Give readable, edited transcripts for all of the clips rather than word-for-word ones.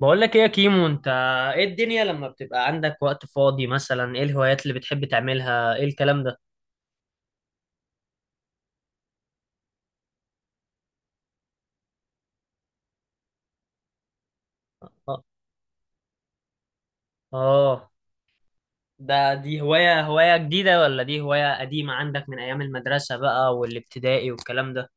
بقول لك ايه يا كيمو؟ انت ايه الدنيا لما بتبقى عندك وقت فاضي، مثلا ايه الهوايات اللي بتحب تعملها ايه الكلام ده؟ اه. آه، دي هواية جديدة ولا دي هواية قديمة عندك من ايام المدرسة بقى والابتدائي والكلام ده؟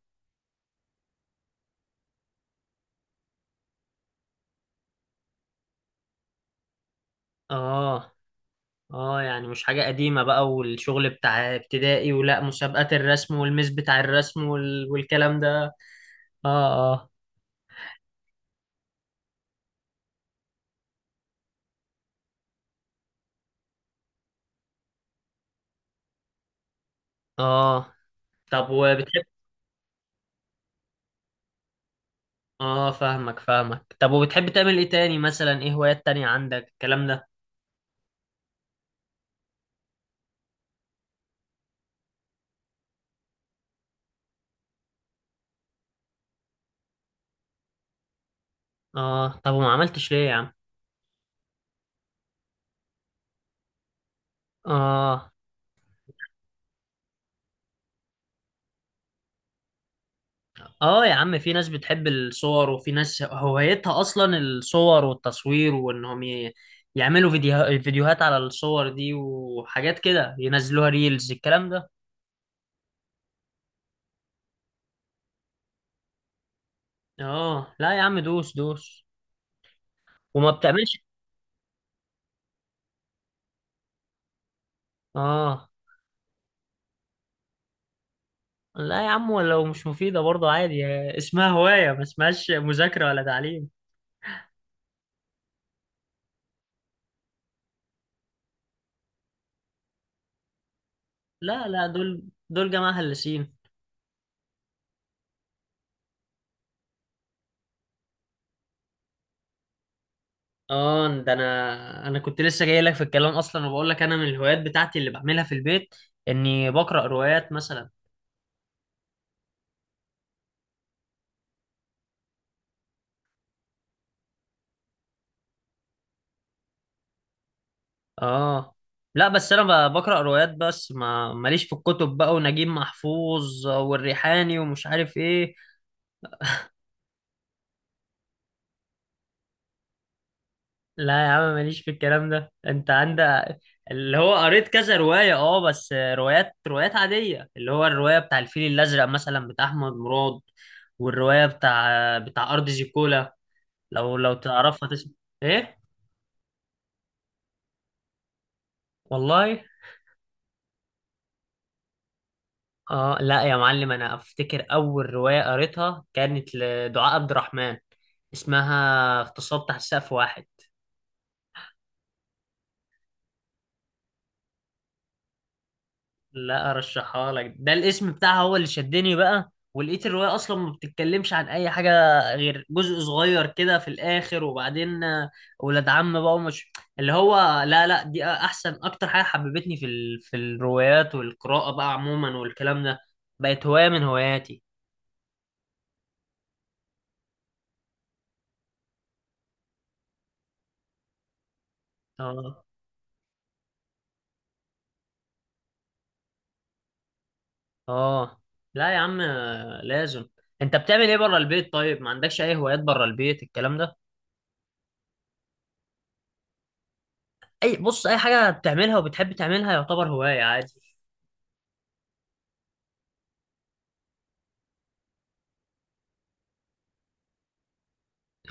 اه اه، يعني مش حاجة قديمة بقى والشغل بتاع ابتدائي، ولا مسابقات الرسم والميس بتاع الرسم والكلام ده؟ اه اه اه. طب وبتحب. اه، فاهمك فاهمك. طب وبتحب تعمل ايه تاني؟ مثلا ايه هوايات تانية عندك الكلام ده؟ اه. طب وما عملتش ليه يا عم؟ اه، اه يا عم، في ناس بتحب الصور وفي ناس هوايتها اصلا الصور والتصوير، وانهم يعملوا فيديوهات على الصور دي وحاجات كده ينزلوها ريلز الكلام ده. اه لا يا عم، دوس دوس. وما بتعملش؟ اه لا يا عم، ولو مش مفيدة برضه عادي. اسمها هواية، ما اسمهاش مذاكرة ولا تعليم. لا لا، دول جماعة هلسين. اه، ده انا كنت لسه جاي لك في الكلام اصلا، وبقول لك انا من الهوايات بتاعتي اللي بعملها في البيت اني بقرا روايات مثلا. اه لا، بس انا بقرا روايات بس، ما ماليش في الكتب بقى ونجيب محفوظ والريحاني ومش عارف ايه. لا يا عم، ماليش في الكلام ده. انت عندك، اللي هو قريت كذا روايه، اه بس روايات عاديه، اللي هو الروايه بتاع الفيل الازرق مثلا بتاع احمد مراد، والروايه بتاع ارض زيكولا. لو تعرفها تسمع. ايه؟ والله. اه لا يا معلم، انا افتكر اول روايه قريتها كانت لدعاء عبد الرحمن، اسمها اغتصاب تحت سقف واحد. لا ارشحها لك، ده الاسم بتاعها هو اللي شدني بقى، ولقيت الروايه اصلا ما بتتكلمش عن اي حاجه غير جزء صغير كده في الاخر، وبعدين آه، ولاد عم بقى ومش اللي هو. لا لا، دي احسن اكتر حاجه حببتني في في الروايات والقراءه بقى عموما والكلام ده. بقت هوايه من هواياتي. اه اه لا يا عم، آه، لازم. انت بتعمل ايه بره البيت؟ طيب ما عندكش اي هوايات بره البيت الكلام ده؟ اي بص، اي حاجه بتعملها وبتحب تعملها يعتبر هوايه عادي.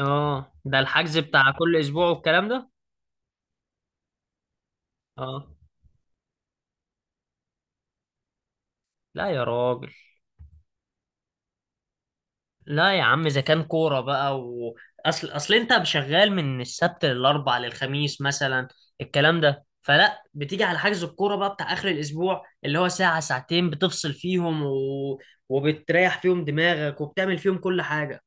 اه، ده الحجز بتاع كل اسبوع والكلام ده. اه لا يا راجل. لا يا عم، اذا كان كوره بقى اصل انت شغال من السبت للاربع للخميس مثلا الكلام ده، فلا بتيجي على حجز الكوره بقى بتاع اخر الاسبوع اللي هو ساعه ساعتين بتفصل فيهم وبتريح فيهم دماغك وبتعمل فيهم كل حاجه.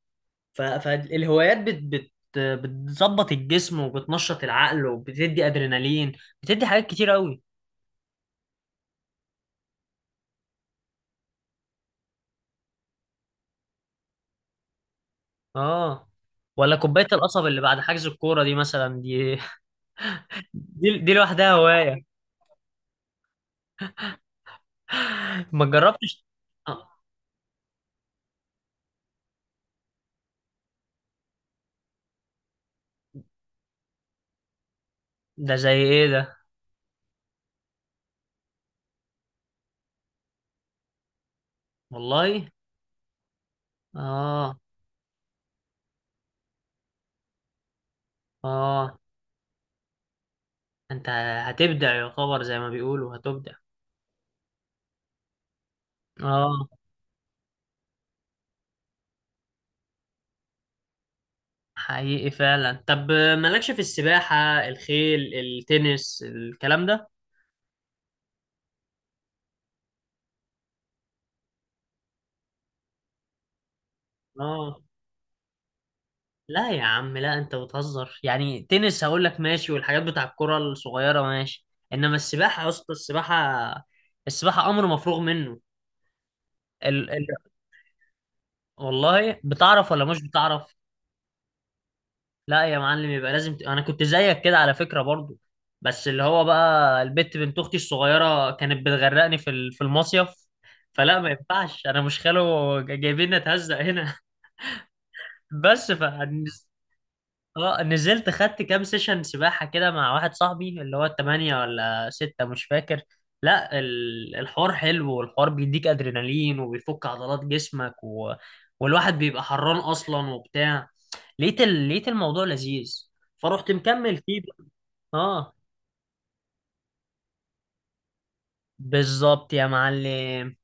فالهوايات بت بت بتظبط الجسم وبتنشط العقل وبتدي ادرينالين، بتدي حاجات كتير قوي. اه، ولا كوبايه القصب اللي بعد حجز الكوره دي مثلا دي دي لوحدها هوايه، ما جربتش. آه، ده زي ايه ده؟ والله. اه. اه، انت هتبدع يا خبر زي ما بيقولوا، هتبدع. اه، حقيقي فعلا. طب مالكش في السباحه، الخيل، التنس، الكلام ده؟ اه لا يا عم، لا انت بتهزر يعني. تنس هقول لك ماشي، والحاجات بتاع الكرة الصغيرة ماشي، انما السباحة يا اسطى، السباحة، السباحة امر مفروغ منه. ال... ال... والله بتعرف ولا مش بتعرف؟ لا يا معلم، يبقى لازم انا كنت زيك كده على فكرة برضو، بس اللي هو بقى البت بنت اختي الصغيرة كانت بتغرقني في في المصيف. فلا، ما ينفعش، انا مش خاله جايبين نتهزق هنا. بس ف اه نزلت خدت كام سيشن سباحة كده مع واحد صاحبي، اللي هو التمانية ولا ستة مش فاكر. لا، الحوار حلو، والحوار بيديك أدرينالين وبيفك عضلات جسمك والواحد بيبقى حران أصلا وبتاع. لقيت لقيت الموضوع لذيذ، فرحت مكمل فيه بقى. اه، بالظبط يا معلم.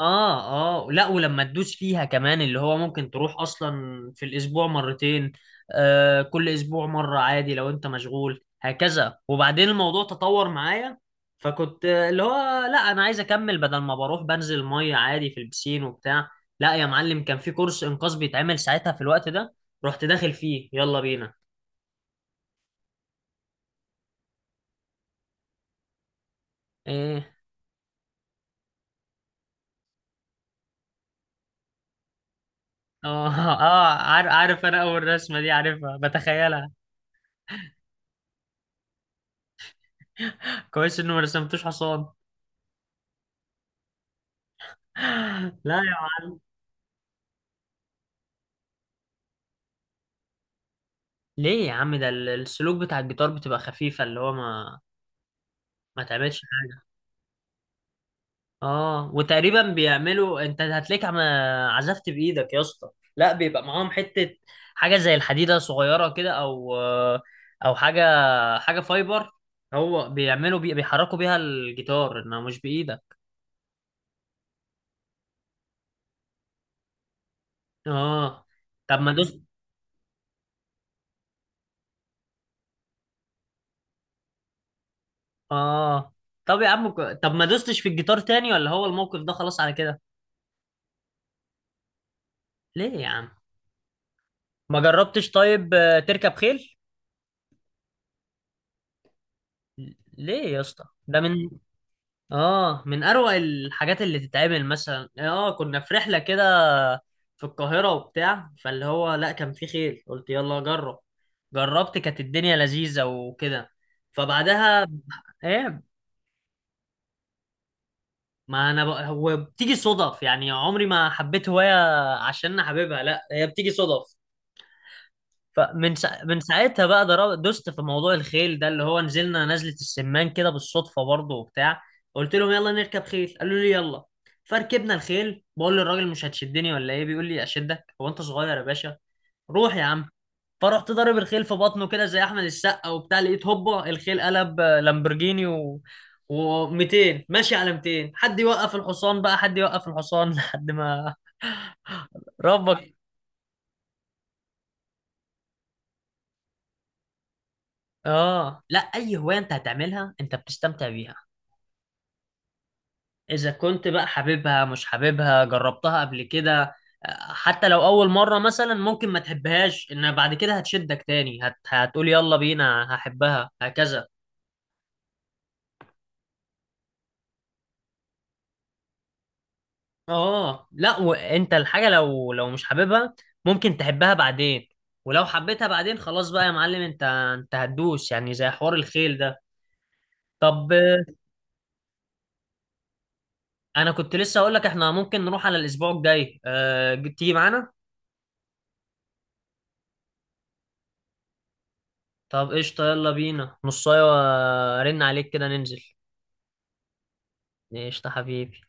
اه اه، لا ولما تدوس فيها كمان اللي هو ممكن تروح اصلا في الاسبوع مرتين. آه كل اسبوع مرة عادي لو انت مشغول هكذا، وبعدين الموضوع تطور معايا، فكنت آه، اللي هو لا، انا عايز اكمل، بدل ما بروح بنزل مية عادي في البسين وبتاع. لا يا معلم، كان في كورس انقاذ بيتعمل ساعتها في الوقت ده، رحت داخل فيه يلا بينا. ايه؟ اه اه، عارف عارف انا، اول رسمة دي عارفها بتخيلها. كويس انه ما رسمتوش حصان. لا. ليه يا عم؟ ده السلوك بتاع الجيتار بتبقى خفيفة، اللي هو ما تعملش حاجة. اه، وتقريبا بيعملوا، انت هتلاقيك عم عزفت بإيدك يا اسطى. لا بيبقى معاهم حتة حاجة زي الحديدة صغيرة كده، او حاجة فايبر، هو بيعملوا بيحركوا بيها الجيتار انما مش بإيدك. اه. طب ما دوست؟ اه. طب يا عم طب ما دوستش في الجيتار تاني، ولا هو الموقف ده خلاص على كده؟ ليه يا عم؟ ما جربتش طيب آه، تركب خيل؟ ليه يا اسطى؟ ده من. اه، من اروع الحاجات اللي تتعمل. مثلا اه، كنا في رحله كده في القاهره وبتاع، فاللي هو لا، كان في خيل قلت يلا جرب، جربت كانت الدنيا لذيذه وكده، فبعدها. ايه؟ ما انا هو بتيجي صدف يعني. عمري ما حبيت هوايه عشان انا حاببها، لا هي بتيجي صدف. فمن من ساعتها بقى دست في موضوع الخيل ده، اللي هو نزلنا نزلة السمان كده بالصدفة برضه وبتاع. قلت لهم يلا نركب خيل، قالوا لي يلا، فركبنا الخيل. بقول للراجل مش هتشدني ولا ايه؟ بيقول لي اشدك، هو انت صغير يا باشا؟ روح يا عم. فرحت ضارب الخيل في بطنه كده زي احمد السقا وبتاع، لقيت هوبا الخيل قلب آه، لامبرجيني و و200 ماشي على 200. حد يوقف الحصان بقى، حد يوقف الحصان لحد ما ربك. اه، لا اي هوايه انت هتعملها انت بتستمتع بيها، إذا كنت بقى حاببها، مش حاببها جربتها قبل كده. آه، حتى لو أول مرة مثلا ممكن ما تحبهاش إن بعد كده هتشدك تاني، هتقول يلا بينا هحبها هكذا. آه لا، وأنت الحاجة لو مش حاببها ممكن تحبها بعدين، ولو حبيتها بعدين خلاص بقى يا معلم، أنت هتدوس يعني زي حوار الخيل ده. طب آه، أنا كنت لسه أقول لك إحنا ممكن نروح على الأسبوع الجاي تيجي معانا؟ طب قشطة، يلا بينا نصاية، رن عليك كده ننزل. قشطة حبيبي.